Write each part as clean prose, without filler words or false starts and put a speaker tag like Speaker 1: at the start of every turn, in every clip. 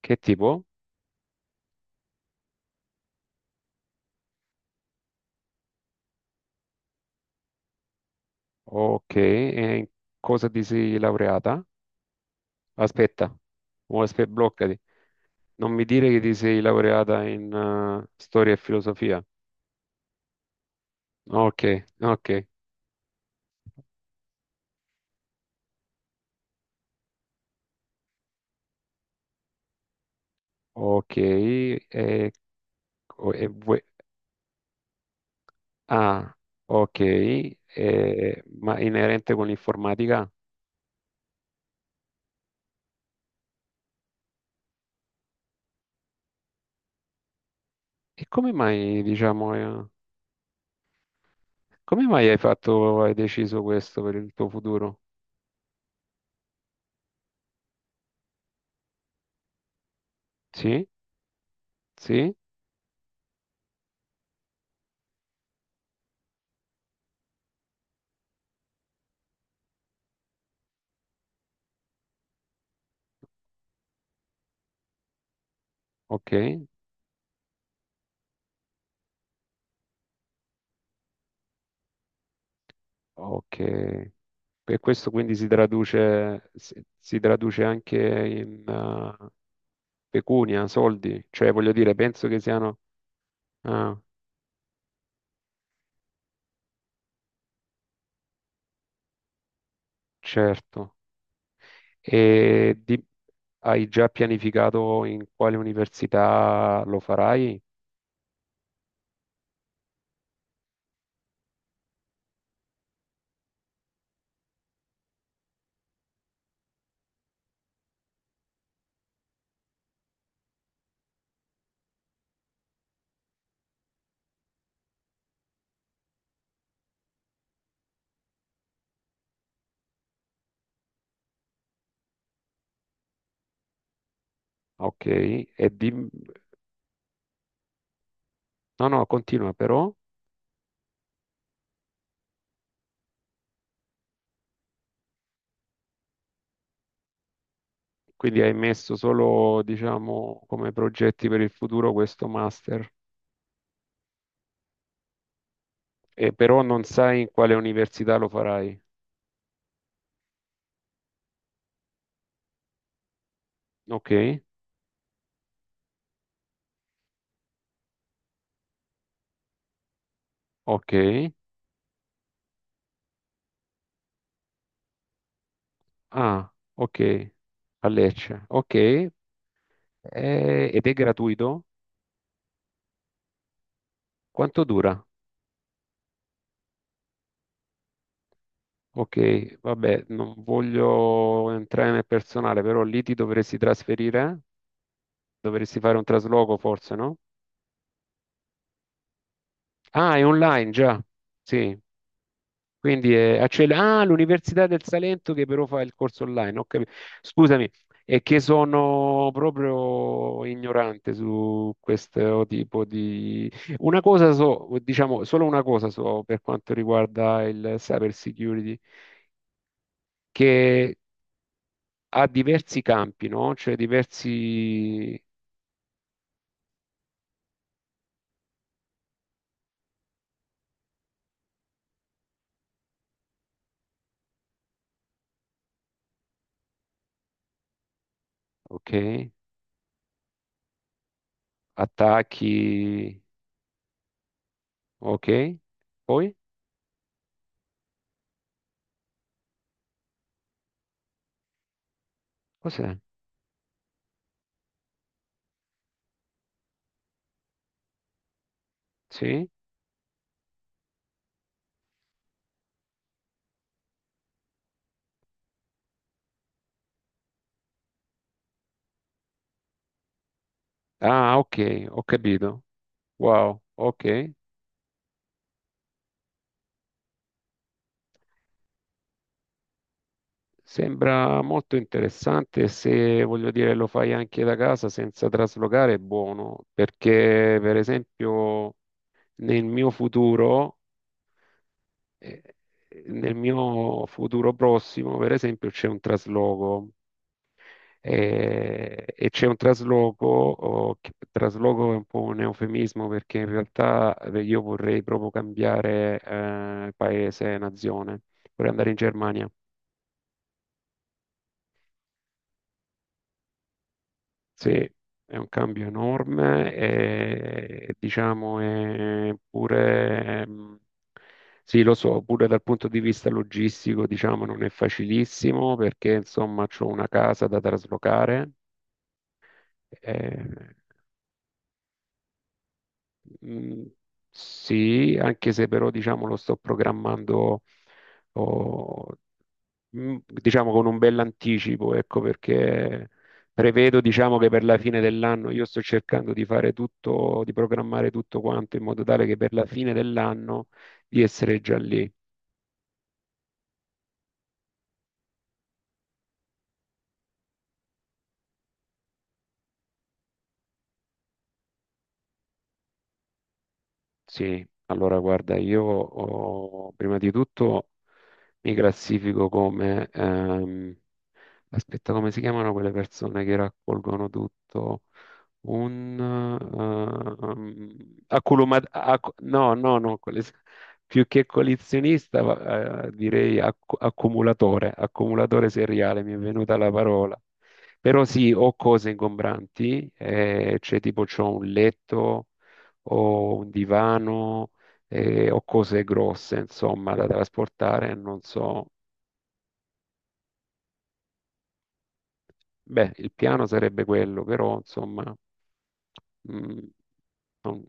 Speaker 1: Che tipo? Ok, e in cosa ti sei laureata? Aspetta, bloccati. Non mi dire che ti sei laureata in storia e filosofia. Ok, ok, ok. E, co- e vuoi- ah, ma inerente con l'informatica? E come mai, diciamo, come mai hai deciso questo per il tuo futuro? Sì, sì, ok, ok. E questo quindi si traduce, si traduce anche in pecunia, soldi, cioè voglio dire, penso che siano... Ah, certo. E di- hai già pianificato in quale università lo farai? Ok, e di... No, no, continua però. Quindi hai messo solo, diciamo, come progetti per il futuro questo master, e però non sai in quale università lo farai. Ok, ok. Ah, ok, a Lecce, ok. Ed è gratuito? Quanto dura? Ok, vabbè, non voglio entrare nel personale, però lì ti dovresti trasferire, dovresti fare un trasloco forse, no? Ah, è online già, sì. Quindi è ah, l'Università del Salento che però fa il corso online, ho capito. Scusami, è che sono proprio ignorante su questo tipo di... Una cosa so, diciamo, solo una cosa so per quanto riguarda il cyber security, che ha diversi campi, no? Cioè diversi, ok, attacchi, ok. Poi? Cos'è? Sì? Ah, ok, ho capito. Wow, ok. Sembra molto interessante e se, voglio dire, lo fai anche da casa senza traslocare, è buono, perché per esempio nel mio futuro, eh, nel mio futuro prossimo, per esempio, c'è un trasloco e c'è un trasloco, oh, trasloco è un po' un eufemismo perché in realtà io vorrei proprio cambiare paese, nazione, vorrei andare in Germania. Sì, è un cambio enorme e diciamo è pure, sì lo so, pure dal punto di vista logistico diciamo non è facilissimo perché insomma ho una casa da traslocare, eh, Mm, Sì, anche se però diciamo lo sto programmando oh, mm, diciamo con un bell'anticipo, ecco perché prevedo diciamo che per la fine dell'anno io sto cercando di fare tutto, di programmare tutto quanto in modo tale che per la fine dell'anno di essere già lì. Sì, allora guarda, io oh, prima di tutto mi classifico come aspetta, come si chiamano quelle persone che raccolgono tutto? Un no, no, no, più che collezionista, direi accumulatore, accumulatore seriale, mi è venuta la parola. Però sì, ho cose ingombranti, cioè tipo c'ho un letto, ho un divano, ho cose grosse, insomma, da trasportare, non so. Beh, il piano sarebbe quello, però insomma, mm, non-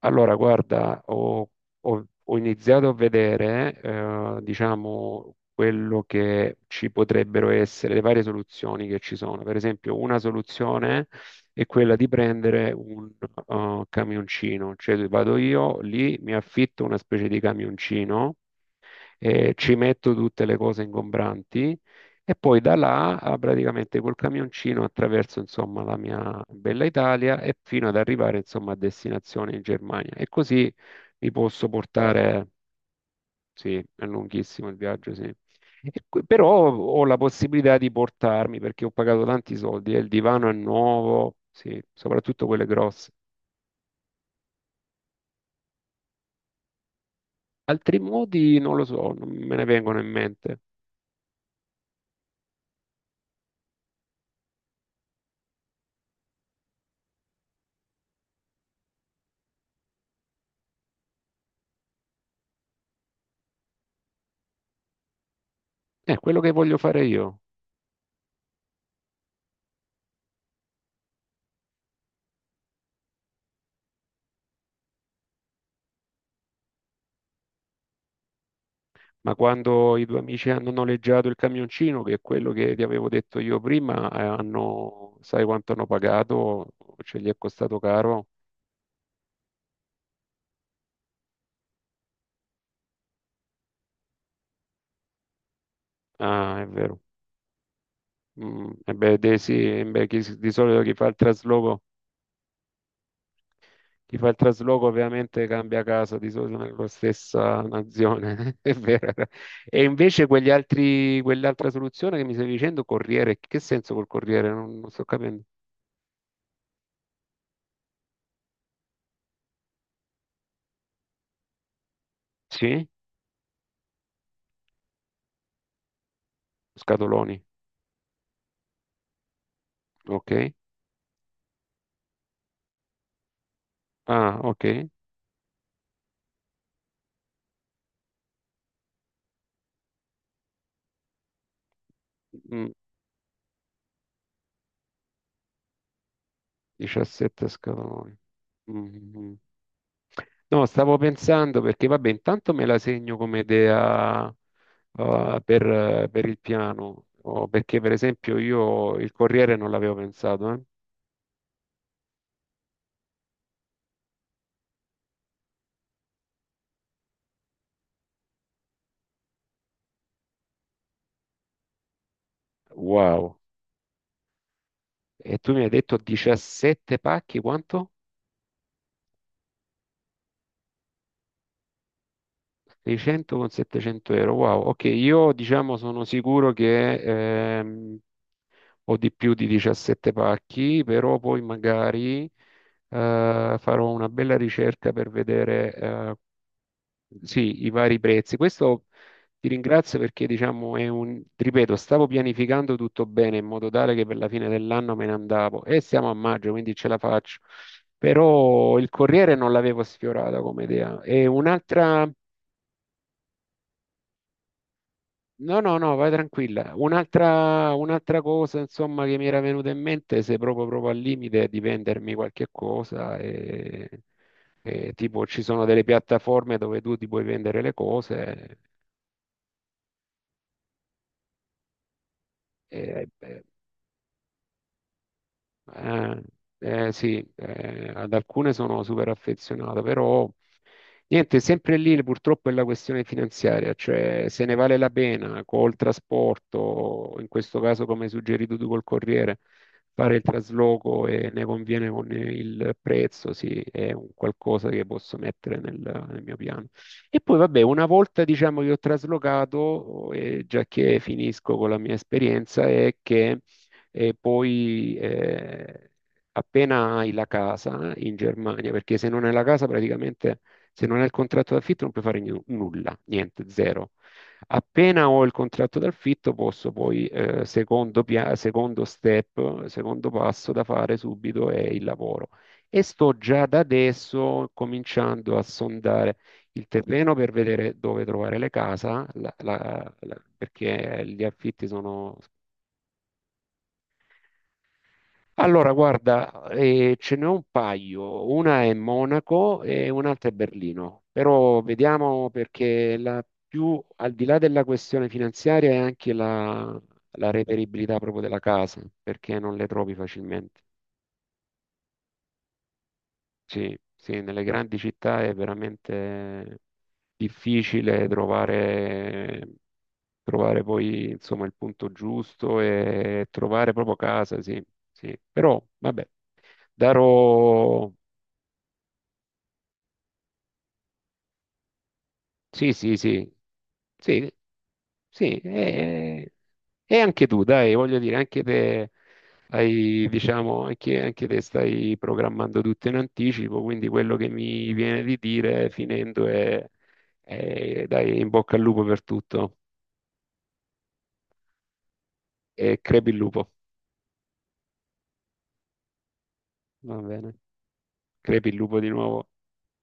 Speaker 1: Allora, guarda, ho iniziato a vedere, diciamo, quello che ci potrebbero essere, le varie soluzioni che ci sono. Per esempio, una soluzione è quella di prendere un camioncino, cioè vado io lì, mi affitto una specie di camioncino ci metto tutte le cose ingombranti e poi da là ah, praticamente col camioncino attraverso insomma la mia bella Italia e fino ad arrivare insomma a destinazione in Germania. E così mi posso portare, sì, è lunghissimo il viaggio, sì. E Però ho la possibilità di portarmi perché ho pagato tanti soldi e il divano è nuovo, sì, soprattutto quelle grosse. Altri modi non lo so, non me ne vengono in mente. È quello che voglio fare io. Ma quando i due amici hanno noleggiato il camioncino, che è quello che ti avevo detto io prima, hanno, sai quanto hanno pagato? Ce gli è costato caro? Ah, è vero. Mm, e beh, dei sì, e beh, di solito chi fa il trasloco, chi fa il trasloco ovviamente cambia casa, di solito nella stessa nazione, è vero. E invece quegli altri, quell'altra soluzione che mi stavi dicendo, corriere, che senso col corriere? Non sto capendo. Sì? Scatoloni, ok. Ah, ok. Mm, 17 scaloni. Mhm. No, stavo pensando perché, vabbè, intanto me la segno come idea, per il piano, o perché per esempio io il Corriere non l'avevo pensato, eh. Wow. E tu mi hai detto 17 pacchi, quanto? 600 con 700 euro. Wow, ok, io diciamo sono sicuro che o di più di 17 pacchi, però poi magari farò una bella ricerca per vedere sì, i vari prezzi. Questo ti ringrazio perché diciamo è un, ti ripeto, stavo pianificando tutto bene in modo tale che per la fine dell'anno me ne andavo e siamo a maggio, quindi ce la faccio. Però il Corriere non l'avevo sfiorata come idea. E un'altra. No, no, no, vai tranquilla. Un'altra cosa, insomma, che mi era venuta in mente, se proprio, proprio al limite di vendermi qualche cosa, e tipo ci sono delle piattaforme dove tu ti puoi vendere le cose, e- Eh, sì, ad alcune sono super affezionato, però niente, sempre lì purtroppo è la questione finanziaria, cioè se ne vale la pena col trasporto, in questo caso come hai suggerito tu col Corriere, fare il trasloco e ne conviene con il prezzo, sì, è un qualcosa che posso mettere nel, nel mio piano. E poi vabbè, una volta diciamo che ho traslocato, e già che finisco con la mia esperienza, è che e poi appena hai la casa in Germania, perché se non hai la casa praticamente, se non hai il contratto d'affitto non puoi fare nulla, niente, zero. Appena ho il contratto d'affitto posso poi, secondo step, secondo passo da fare subito è il lavoro. E sto già da adesso cominciando a sondare il terreno per vedere dove trovare le case, perché gli affitti sono Allora, guarda, ce n'è un paio, una è Monaco e un'altra è Berlino, però vediamo perché la più, al di là della questione finanziaria è anche la, la reperibilità proprio della casa, perché non le trovi facilmente. Sì, sì, nelle grandi città è veramente difficile trovare, trovare poi insomma il punto giusto e trovare proprio casa, sì, sì. Però vabbè, darò. Sì, sì, sì, sì, sì, e anche tu, dai, voglio dire, anche te hai, diciamo, anche, anche te stai programmando tutto in anticipo, quindi quello che mi viene di dire finendo è, dai, in bocca al lupo per tutto e crepi il lupo, va bene, crepi il lupo di nuovo.